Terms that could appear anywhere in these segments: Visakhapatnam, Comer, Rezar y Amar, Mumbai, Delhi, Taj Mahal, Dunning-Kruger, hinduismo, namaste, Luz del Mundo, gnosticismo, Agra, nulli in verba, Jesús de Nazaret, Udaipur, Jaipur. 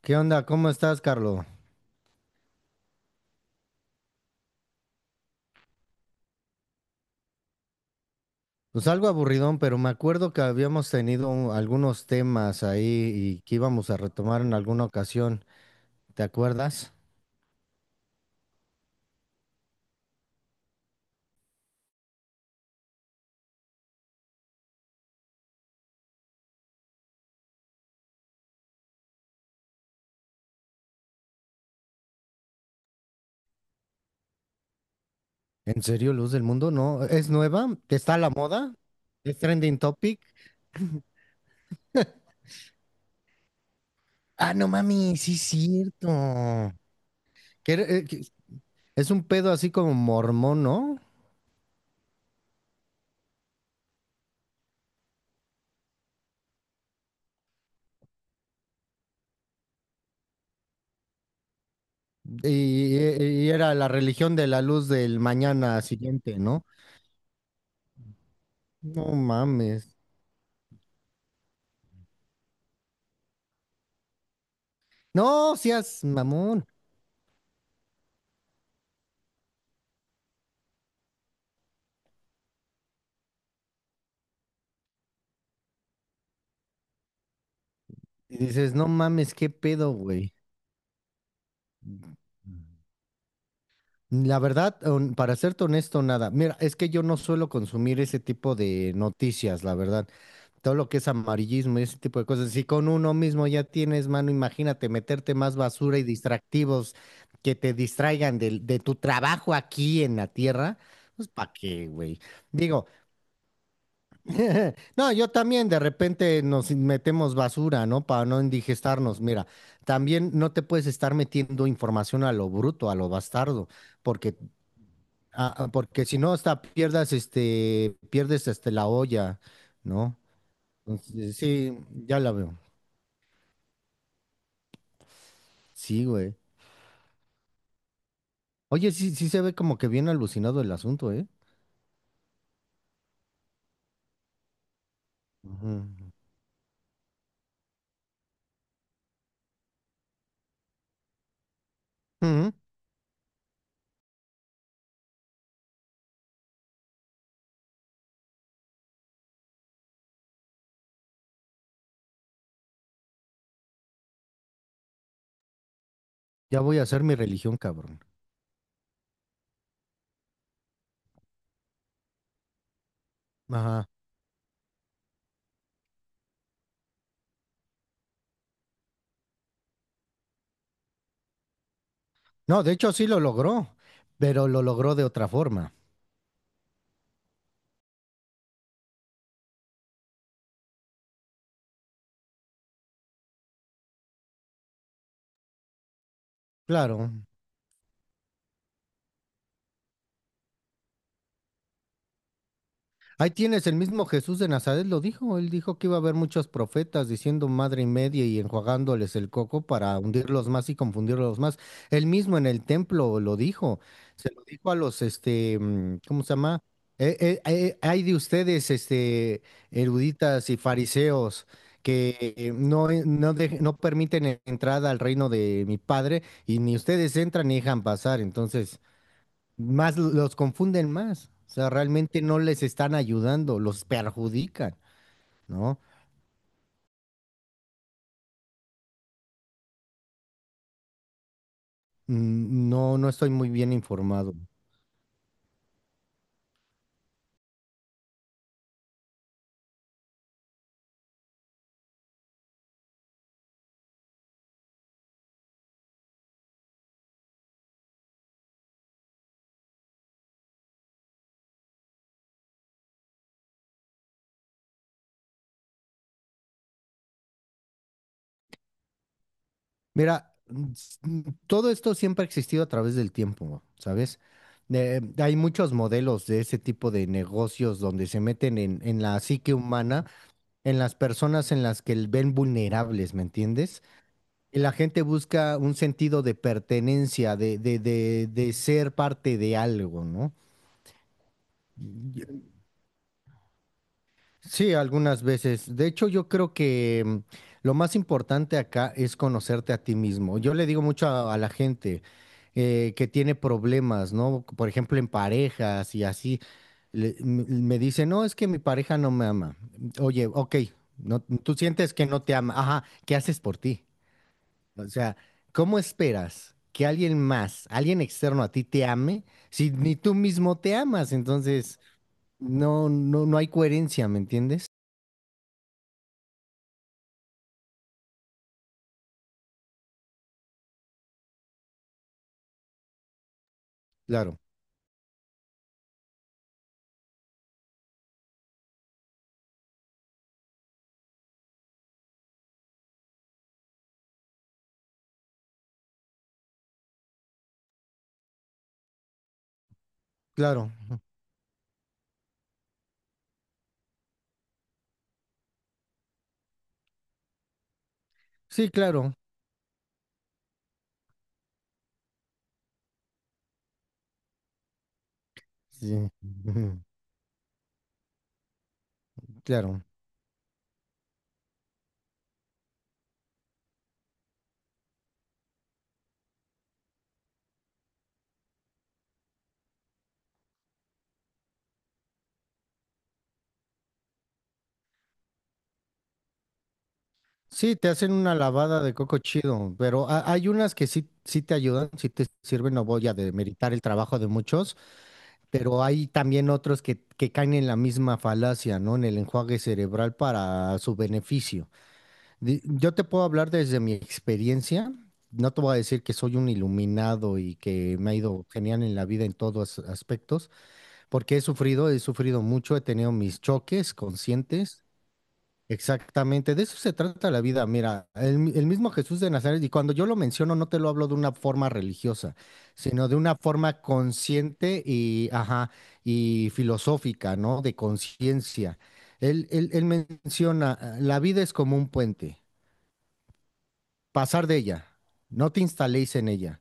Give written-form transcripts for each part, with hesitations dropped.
¿Qué onda? ¿Cómo estás, Carlos? Pues algo aburridón, pero me acuerdo que habíamos tenido algunos temas ahí y que íbamos a retomar en alguna ocasión. ¿Te acuerdas? ¿En serio, Luz del Mundo? ¿No? ¿Es nueva? ¿Está a la moda? ¿Es trending topic? Ah, no mami, sí es cierto. Que es un pedo así como mormón, ¿no? Y era la religión de la luz del mañana siguiente, ¿no? No mames. No, seas mamón. Y dices, no mames, qué pedo, güey. La verdad, para serte honesto, nada. Mira, es que yo no suelo consumir ese tipo de noticias, la verdad. Todo lo que es amarillismo y ese tipo de cosas. Si con uno mismo ya tienes mano, imagínate meterte más basura y distractivos que te distraigan de tu trabajo aquí en la tierra. Pues, ¿para qué, güey? Digo, no, yo también de repente nos metemos basura, ¿no? Para no indigestarnos. Mira, también no te puedes estar metiendo información a lo bruto, a lo bastardo, porque, porque si no, hasta pierdas este, pierdes este la olla, ¿no? Entonces, sí, ya la veo. Sí, güey. Oye, sí, sí se ve como que bien alucinado el asunto, ¿eh? Ujú. Ujú. Ya voy a hacer mi religión, cabrón. Ajá. No, de hecho sí lo logró, pero lo logró de otra forma. Claro. Ahí tienes, el mismo Jesús de Nazaret lo dijo, él dijo que iba a haber muchos profetas diciendo madre y media y enjuagándoles el coco para hundirlos más y confundirlos más. Él mismo en el templo lo dijo, se lo dijo a los, este, ¿cómo se llama? Hay de ustedes, este, eruditas y fariseos que no permiten entrada al reino de mi padre y ni ustedes entran ni dejan pasar, entonces más los confunden más. O sea, realmente no les están ayudando, los perjudican, ¿no? Mm, no, no estoy muy bien informado. Mira, todo esto siempre ha existido a través del tiempo, ¿sabes? Hay muchos modelos de ese tipo de negocios donde se meten en la psique humana, en las personas en las que ven vulnerables, ¿me entiendes? Y la gente busca un sentido de pertenencia, de ser parte de algo, ¿no? Sí, algunas veces. De hecho, yo creo que lo más importante acá es conocerte a ti mismo. Yo le digo mucho a la gente que tiene problemas, ¿no? Por ejemplo, en parejas y así. Me dice, no, es que mi pareja no me ama. Oye, ok, no, tú sientes que no te ama. Ajá, ¿qué haces por ti? O sea, ¿cómo esperas que alguien más, alguien externo a ti te ame si ni tú mismo te amas? Entonces, no hay coherencia, ¿me entiendes? Claro. Claro, sí, claro. Sí, claro. Sí, te hacen una lavada de coco chido, pero hay unas que sí, sí te ayudan, sí te sirven, no voy a demeritar el trabajo de muchos, pero hay también otros que caen en la misma falacia, ¿no? En el enjuague cerebral para su beneficio. Yo te puedo hablar desde mi experiencia, no te voy a decir que soy un iluminado y que me ha ido genial en la vida en todos aspectos, porque he sufrido mucho, he tenido mis choques conscientes. Exactamente, de eso se trata la vida. Mira, el mismo Jesús de Nazaret, y cuando yo lo menciono, no te lo hablo de una forma religiosa, sino de una forma consciente y, ajá, y filosófica, ¿no? De conciencia. Él menciona, la vida es como un puente, pasar de ella, no te instaléis en ella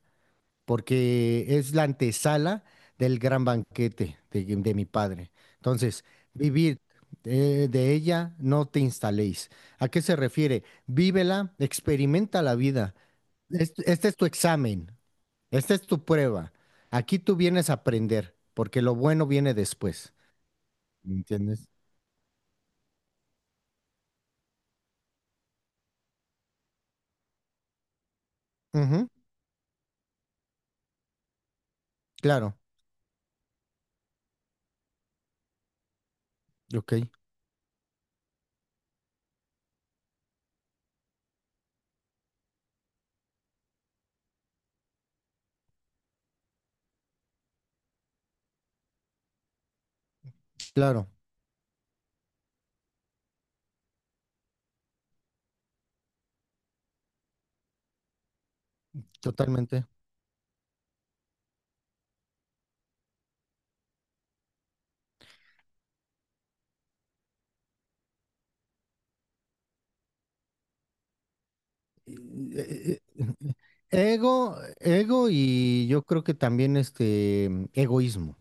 porque es la antesala del gran banquete de mi padre. Entonces, vivir de ella, no te instaléis. ¿A qué se refiere? Vívela, experimenta la vida. Este es tu examen, esta es tu prueba. Aquí tú vienes a aprender, porque lo bueno viene después. ¿Me entiendes? Ujú, claro, ok, claro, totalmente. Eh, eh, Ego, ego y yo creo que también este egoísmo.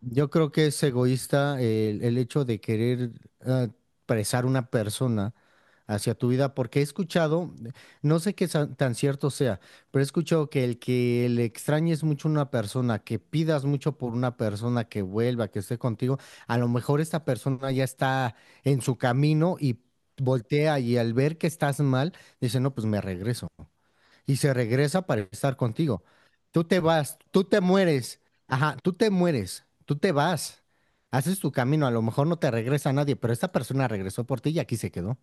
Yo creo que es egoísta el hecho de querer ah, presar una persona hacia tu vida, porque he escuchado, no sé qué tan cierto sea, pero he escuchado que el que le extrañes mucho a una persona, que pidas mucho por una persona que vuelva, que esté contigo, a lo mejor esta persona ya está en su camino y voltea y al ver que estás mal, dice, no, pues me regreso y se regresa para estar contigo. Tú te vas, tú te mueres, ajá, tú te mueres, tú te vas, haces tu camino, a lo mejor no te regresa nadie, pero esta persona regresó por ti y aquí se quedó.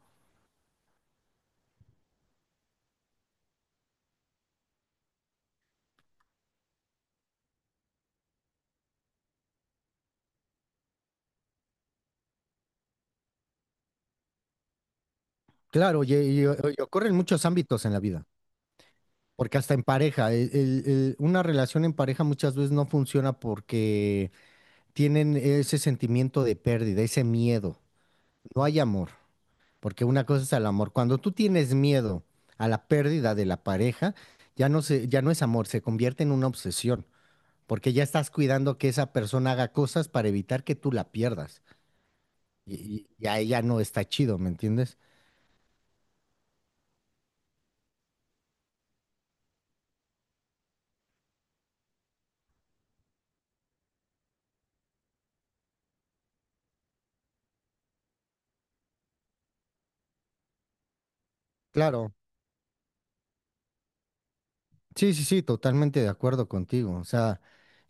Claro, y ocurre en muchos ámbitos en la vida, porque hasta en pareja, una relación en pareja muchas veces no funciona porque tienen ese sentimiento de pérdida, ese miedo, no hay amor. Porque una cosa es el amor. Cuando tú tienes miedo a la pérdida de la pareja, ya no es amor, se convierte en una obsesión, porque ya estás cuidando que esa persona haga cosas para evitar que tú la pierdas. Y ahí ya no está chido, ¿me entiendes? Claro, sí, sí, sí, totalmente de acuerdo contigo. O sea,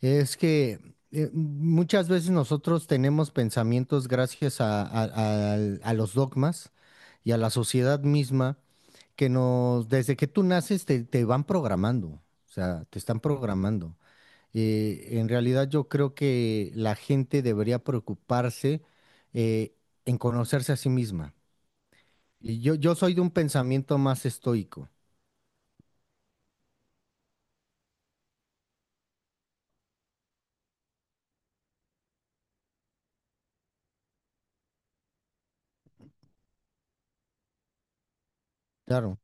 es que muchas veces nosotros tenemos pensamientos gracias a, a- a los dogmas y a la sociedad misma que nos, desde que tú naces te, te van programando, o sea, te están programando. En realidad yo creo que la gente debería preocuparse eh, en conocerse a sí misma. Yo soy de un pensamiento más estoico. Claro,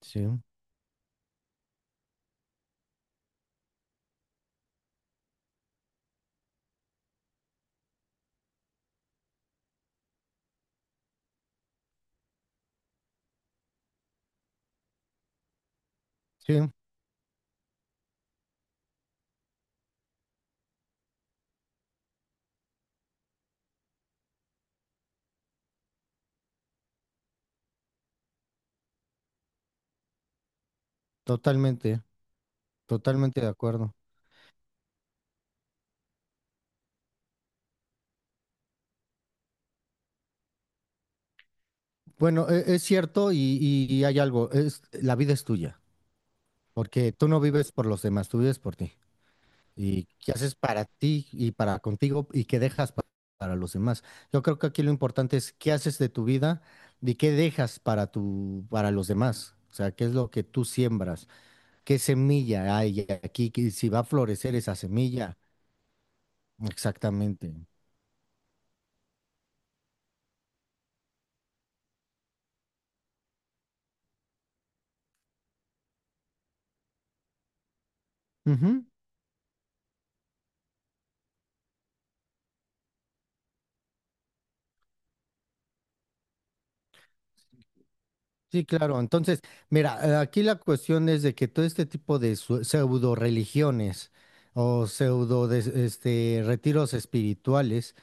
sí, sí, totalmente, totalmente de acuerdo. Bueno, es cierto y hay algo, es, la vida es tuya, porque tú no vives por los demás, tú vives por ti. Y qué haces para ti y para contigo y qué dejas para los demás. Yo creo que aquí lo importante es qué haces de tu vida y qué dejas para tu, para los demás. O sea, qué es lo que tú siembras, qué semilla hay aquí, que si va a florecer esa semilla. Exactamente. Ujú. Sí, claro. Entonces, mira, aquí la cuestión es de que todo este tipo de pseudo religiones o pseudo este, retiros espirituales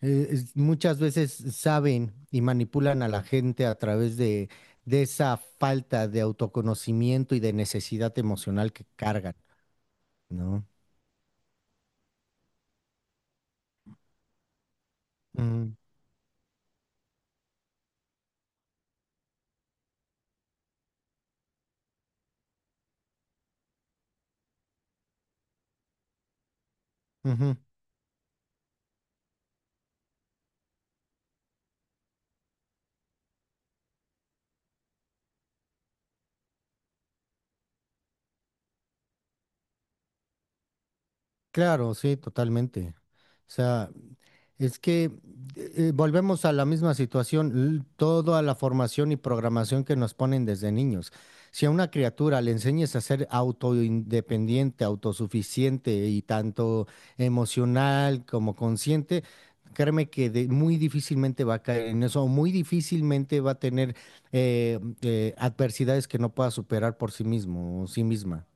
muchas veces saben y manipulan a la gente a través de esa falta de autoconocimiento y de necesidad emocional que cargan, ¿no? Mm, ujú. Claro, sí, totalmente. O sea, es que volvemos a la misma situación, toda la formación y programación que nos ponen desde niños. Si a una criatura le enseñas a ser autoindependiente, autosuficiente y tanto emocional como consciente, créeme que muy difícilmente va a caer en eso, o muy difícilmente va a tener adversidades que no pueda superar por sí mismo o sí misma.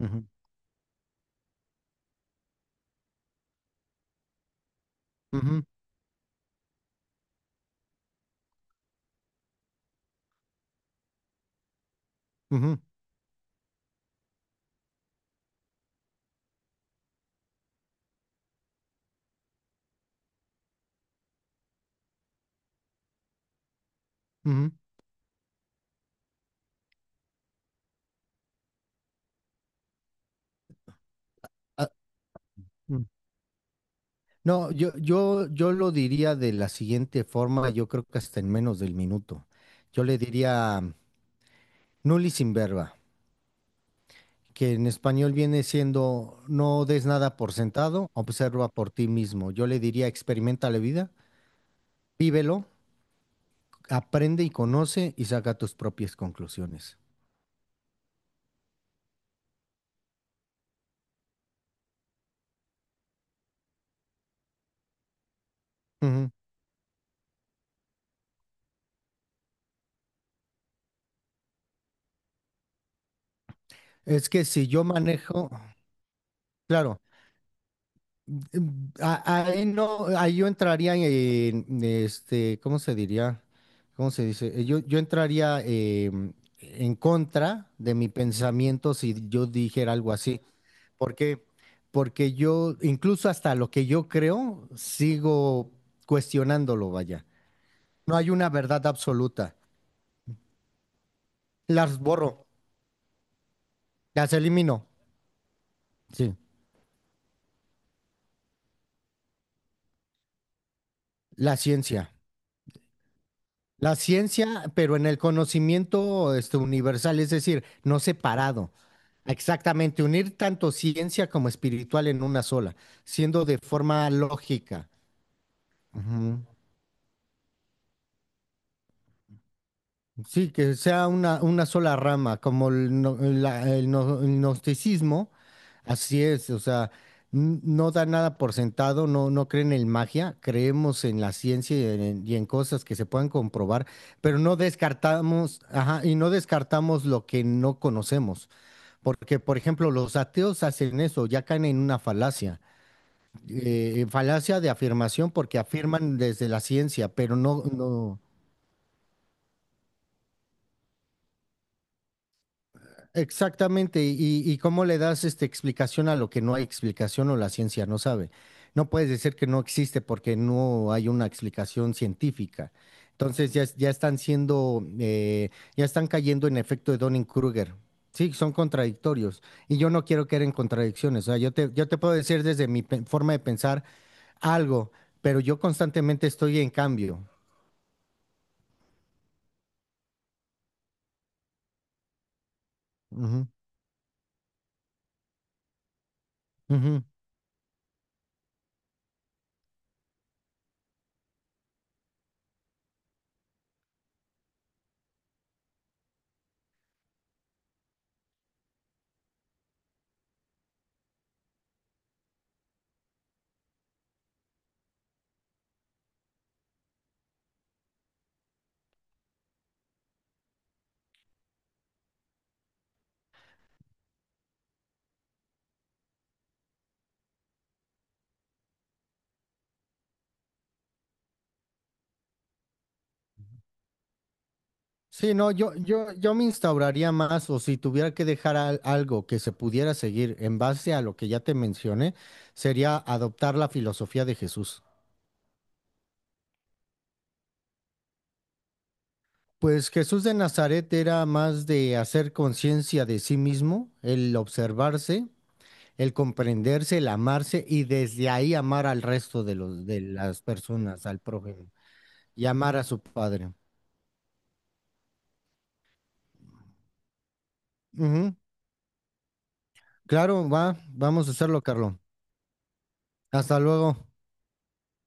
Ujú, ujú, ujú, ujú. Ah, no, yo lo diría de la siguiente forma, yo creo que hasta en menos del minuto. Yo le diría nulli in verba, que en español viene siendo no des nada por sentado, observa por ti mismo. Yo le diría experimenta la vida, vívelo, aprende y conoce y saca tus propias conclusiones. Ujú. Es que si yo manejo, claro, mm, ahí no, ahí yo entraría en, este, ¿cómo se diría? ¿Cómo se dice? Yo entraría em, en contra de mi pensamiento si yo dijera algo así. ¿Por qué? Porque yo, incluso hasta lo que yo creo, sigo cuestionándolo, vaya. No hay una verdad absoluta. Las borro, las elimino. Sí. La ciencia. La ciencia, pero en el conocimiento este, universal, es decir, no separado. Exactamente, unir tanto ciencia como espiritual en una sola, siendo de forma lógica. Ujú. Sí, que sea una sola rama, como el, no- la- el no- el gnosticismo, así es, o sea, no da nada por sentado, no, no creen en magia, creemos en la ciencia y en cosas que se puedan comprobar, pero no descartamos, ajá, y no descartamos lo que no conocemos, porque, por ejemplo, los ateos hacen eso, ya caen en una falacia, falacia de afirmación porque afirman desde la ciencia, pero no, no. Exactamente, y cómo le das esta explicación a lo que no hay explicación o la ciencia no sabe. No puedes decir que no existe porque no hay una explicación científica. Entonces ya, ya están siendo, ya están cayendo en efecto de Dunning-Kruger. Sí, son contradictorios. Y yo no quiero caer en contradicciones. O sea, yo te puedo decir desde mi forma de pensar algo, pero yo constantemente estoy en cambio. Ujú, ujú. Sí, no, yo me instauraría más, o si tuviera que dejar algo que se pudiera seguir en base a lo que ya te mencioné, sería adoptar la filosofía de Jesús. Pues Jesús de Nazaret era más de hacer conciencia de sí mismo, el observarse, el comprenderse, el amarse y desde ahí amar al resto de los, de las personas, al prójimo, y amar a su padre. Ujú. Claro, va, vamos a hacerlo, Carlos. Hasta luego.